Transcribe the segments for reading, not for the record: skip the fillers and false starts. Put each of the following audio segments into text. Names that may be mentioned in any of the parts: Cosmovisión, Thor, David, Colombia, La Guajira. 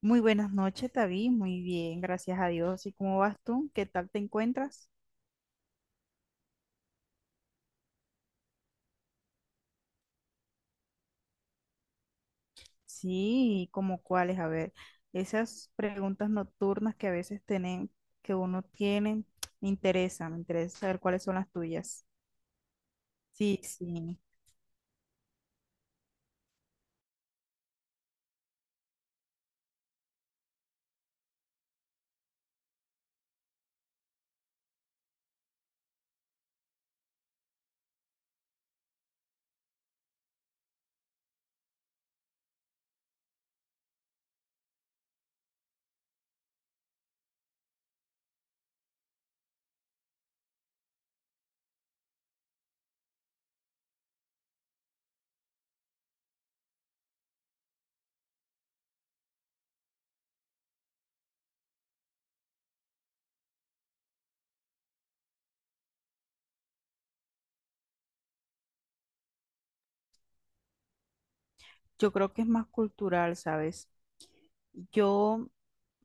Muy buenas noches, David. Muy bien, gracias a Dios. ¿Y cómo vas tú? ¿Qué tal te encuentras? Sí, ¿y cómo cuáles? A ver, esas preguntas nocturnas que a veces tienen, que uno tiene, me interesa saber cuáles son las tuyas. Sí, sí. Yo creo que es más cultural, ¿sabes? Yo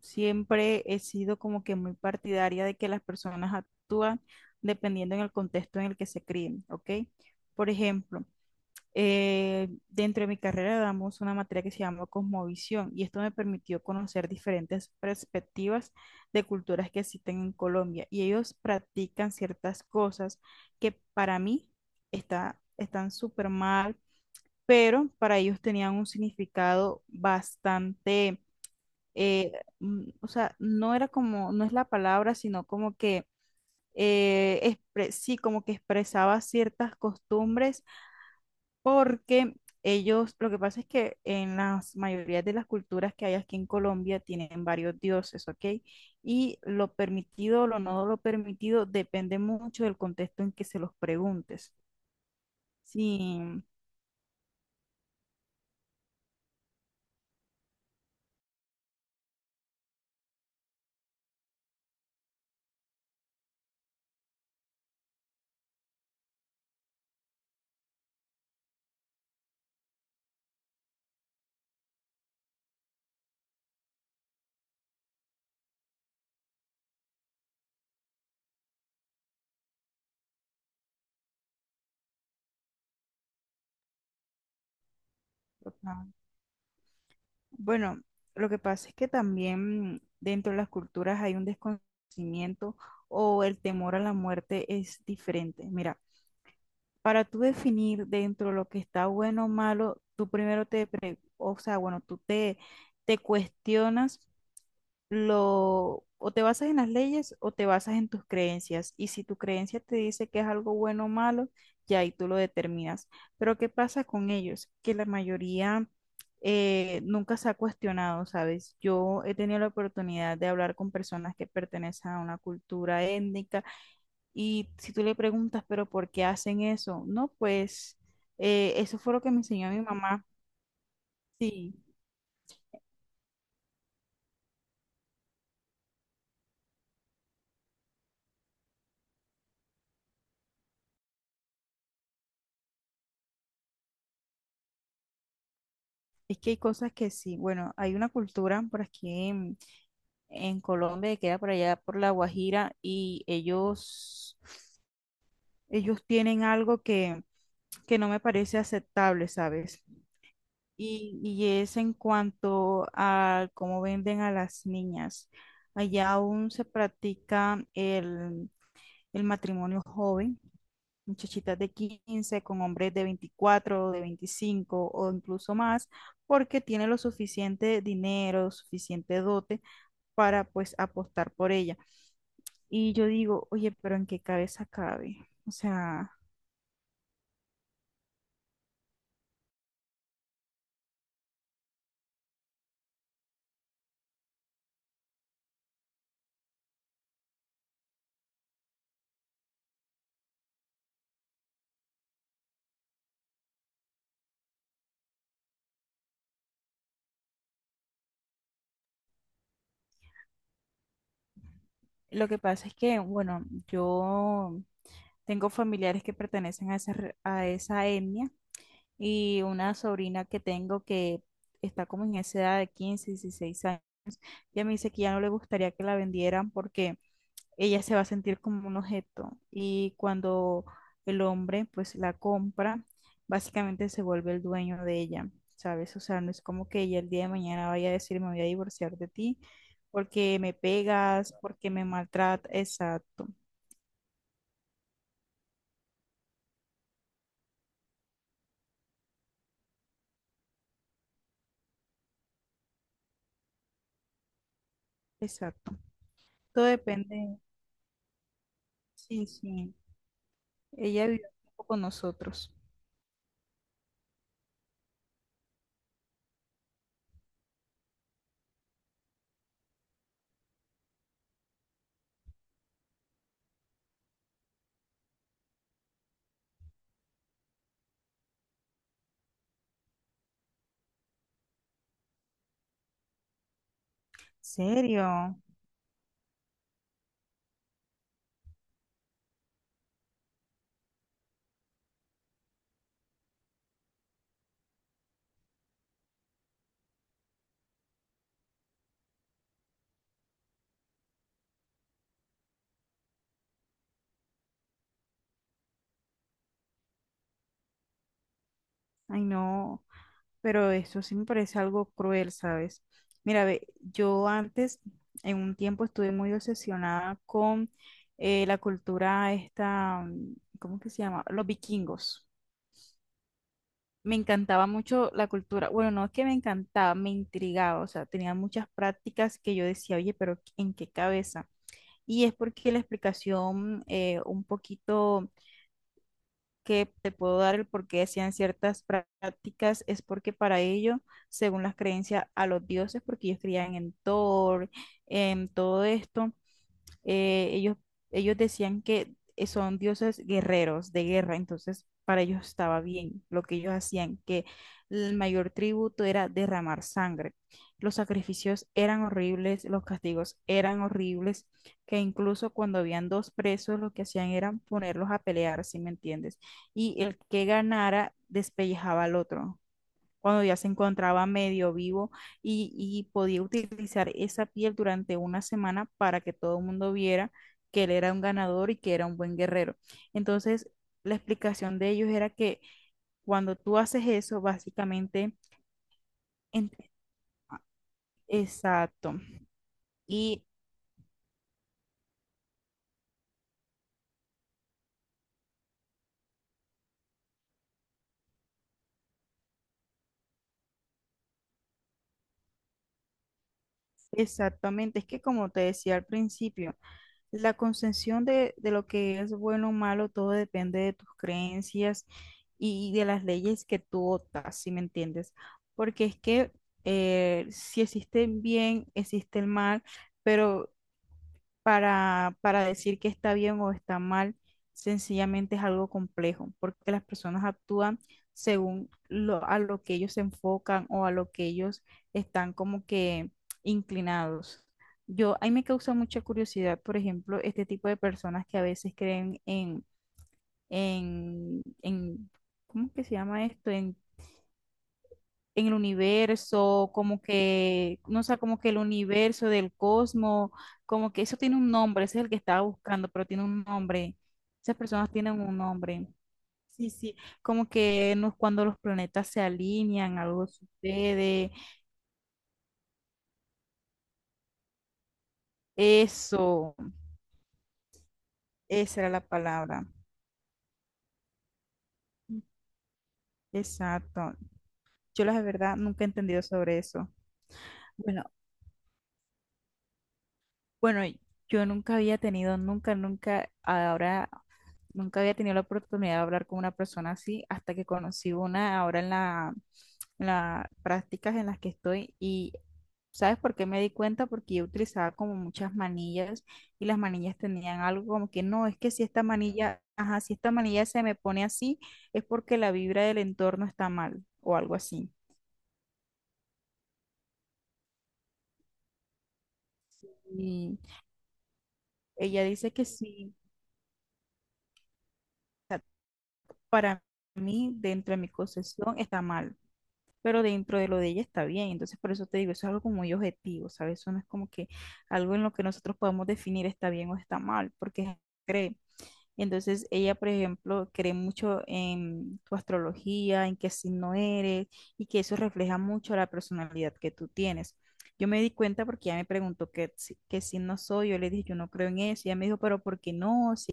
siempre he sido como que muy partidaria de que las personas actúan dependiendo en el contexto en el que se críen, ¿ok? Por ejemplo, dentro de mi carrera damos una materia que se llama Cosmovisión y esto me permitió conocer diferentes perspectivas de culturas que existen en Colombia y ellos practican ciertas cosas que para mí están súper mal, pero para ellos tenían un significado bastante, eh, o sea, no era como, no es la palabra, sino como que... eh, sí, como que expresaba ciertas costumbres porque ellos, lo que pasa es que en las mayorías de las culturas que hay aquí en Colombia tienen varios dioses, ¿ok? Y lo permitido o lo no lo permitido depende mucho del contexto en que se los preguntes. Sí, total. Bueno, lo que pasa es que también dentro de las culturas hay un desconocimiento o el temor a la muerte es diferente. Mira. Para tú definir dentro de lo que está bueno o malo, tú primero o sea, bueno, tú te cuestionas o te basas en las leyes o te basas en tus creencias. Y si tu creencia te dice que es algo bueno o malo, ya ahí tú lo determinas. Pero ¿qué pasa con ellos? Que la mayoría nunca se ha cuestionado, ¿sabes? Yo he tenido la oportunidad de hablar con personas que pertenecen a una cultura étnica y si tú le preguntas, pero ¿por qué hacen eso? No, pues eso fue lo que me enseñó mi mamá. Sí, es que hay cosas que sí. Bueno, hay una cultura por aquí en Colombia que queda por allá por La Guajira y ellos tienen algo que no me parece aceptable, ¿sabes? Y es en cuanto a cómo venden a las niñas. Allá aún se practica el matrimonio joven, muchachitas de 15 con hombres de 24, de 25 o incluso más, porque tiene lo suficiente dinero, suficiente dote para pues apostar por ella. Y yo digo, oye, pero ¿en qué cabeza cabe? O sea, lo que pasa es que, bueno, yo tengo familiares que pertenecen a esa, a esa etnia y una sobrina que tengo que está como en esa edad de 15, 16 años, ya me dice que ya no le gustaría que la vendieran porque ella se va a sentir como un objeto y cuando el hombre pues la compra, básicamente se vuelve el dueño de ella, ¿sabes? O sea, no es como que ella el día de mañana vaya a decir me voy a divorciar de ti porque me pegas, porque me maltrata, exacto, exacto. Todo depende, sí, sí, ella vive un poco con nosotros. ¿Serio? Ay, no. Pero eso sí me parece algo cruel, ¿sabes? Mira, ve, yo antes, en un tiempo, estuve muy obsesionada con la cultura esta, ¿cómo que se llama? Los vikingos. Me encantaba mucho la cultura. Bueno, no es que me encantaba, me intrigaba. O sea, tenía muchas prácticas que yo decía, oye, pero ¿en qué cabeza? Y es porque la explicación un poquito que te puedo dar el por qué hacían ciertas prácticas es porque para ellos, según las creencias a los dioses, porque ellos creían en Thor, en todo esto, eh, ellos, ellos decían que son dioses guerreros de guerra, entonces para ellos estaba bien lo que ellos hacían, que el mayor tributo era derramar sangre. Los sacrificios eran horribles, los castigos eran horribles, que incluso cuando habían dos presos lo que hacían era ponerlos a pelear, ¿si me entiendes? Y el que ganara despellejaba al otro cuando ya se encontraba medio vivo y podía utilizar esa piel durante una semana para que todo el mundo viera que él era un ganador y que era un buen guerrero. Entonces, la explicación de ellos era que cuando tú haces eso, básicamente, en- exacto. Y exactamente, es que como te decía al principio, la concepción de lo que es bueno o malo, todo depende de tus creencias y de las leyes que tú optas, si me entiendes. Porque es que si existe el bien, existe el mal, pero para decir que está bien o está mal, sencillamente es algo complejo, porque las personas actúan según a lo que ellos se enfocan o a lo que ellos están como que inclinados. A mí me causa mucha curiosidad, por ejemplo, este tipo de personas que a veces creen en ¿cómo que se llama esto? En el universo, como que, no sé, como que el universo del cosmos, como que eso tiene un nombre, ese es el que estaba buscando, pero tiene un nombre. Esas personas tienen un nombre. Sí, sí, como que no es cuando los planetas se alinean, algo sucede. Eso, esa era la palabra. Exacto. Yo la verdad nunca he entendido sobre eso. Bueno, Bueno, yo nunca había tenido, nunca, nunca, ahora, nunca había tenido la oportunidad de hablar con una persona así hasta que conocí una ahora en las prácticas en las que estoy y ¿sabes por qué me di cuenta? Porque yo utilizaba como muchas manillas y las manillas tenían algo como que no, es que si esta manilla, ajá, si esta manilla se me pone así es porque la vibra del entorno está mal o algo así. Y ella dice que sí, o sea, para mí dentro de mi concesión está mal. Pero dentro de lo de ella está bien. Entonces, por eso te digo, eso es algo como muy objetivo, ¿sabes? Eso no es como que algo en lo que nosotros podamos definir está bien o está mal, porque cree. Entonces, ella, por ejemplo, cree mucho en tu astrología, en qué signo eres y que eso refleja mucho la personalidad que tú tienes. Yo me di cuenta porque ella me preguntó qué, si- qué signo soy, yo le dije, yo no creo en eso, y ella me dijo, pero ¿por qué no? Si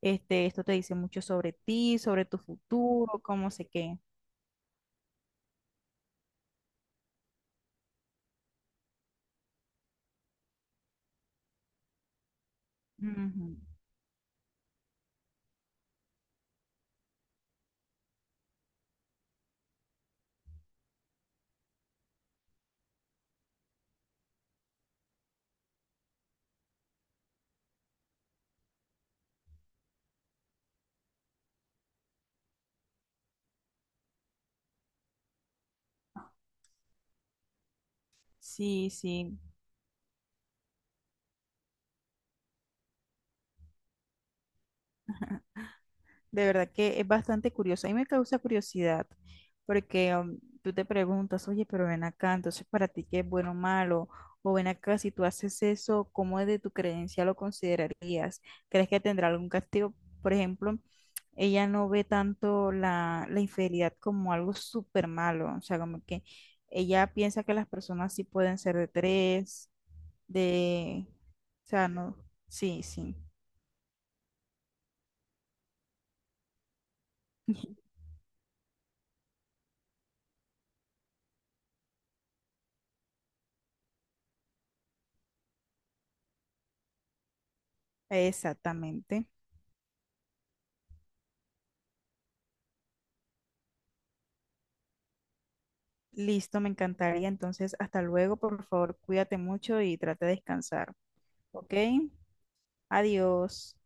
esto te dice mucho sobre ti, sobre tu futuro, cómo sé qué. Ujú. Sí, sí. De verdad que es bastante curioso. A mí me causa curiosidad porque tú te preguntas, oye, pero ven acá, entonces para ti qué es bueno o malo, o ven acá, si tú haces eso, ¿cómo de tu creencia lo considerarías? ¿Crees que tendrá algún castigo? Por ejemplo, ella no ve tanto la infidelidad como algo súper malo, o sea, como que ella piensa que las personas sí pueden ser de tres, de, o sea, no, sí, sí, exactamente. Listo, me encantaría. Entonces, hasta luego, por favor, cuídate mucho y trata de descansar, ¿ok? Adiós.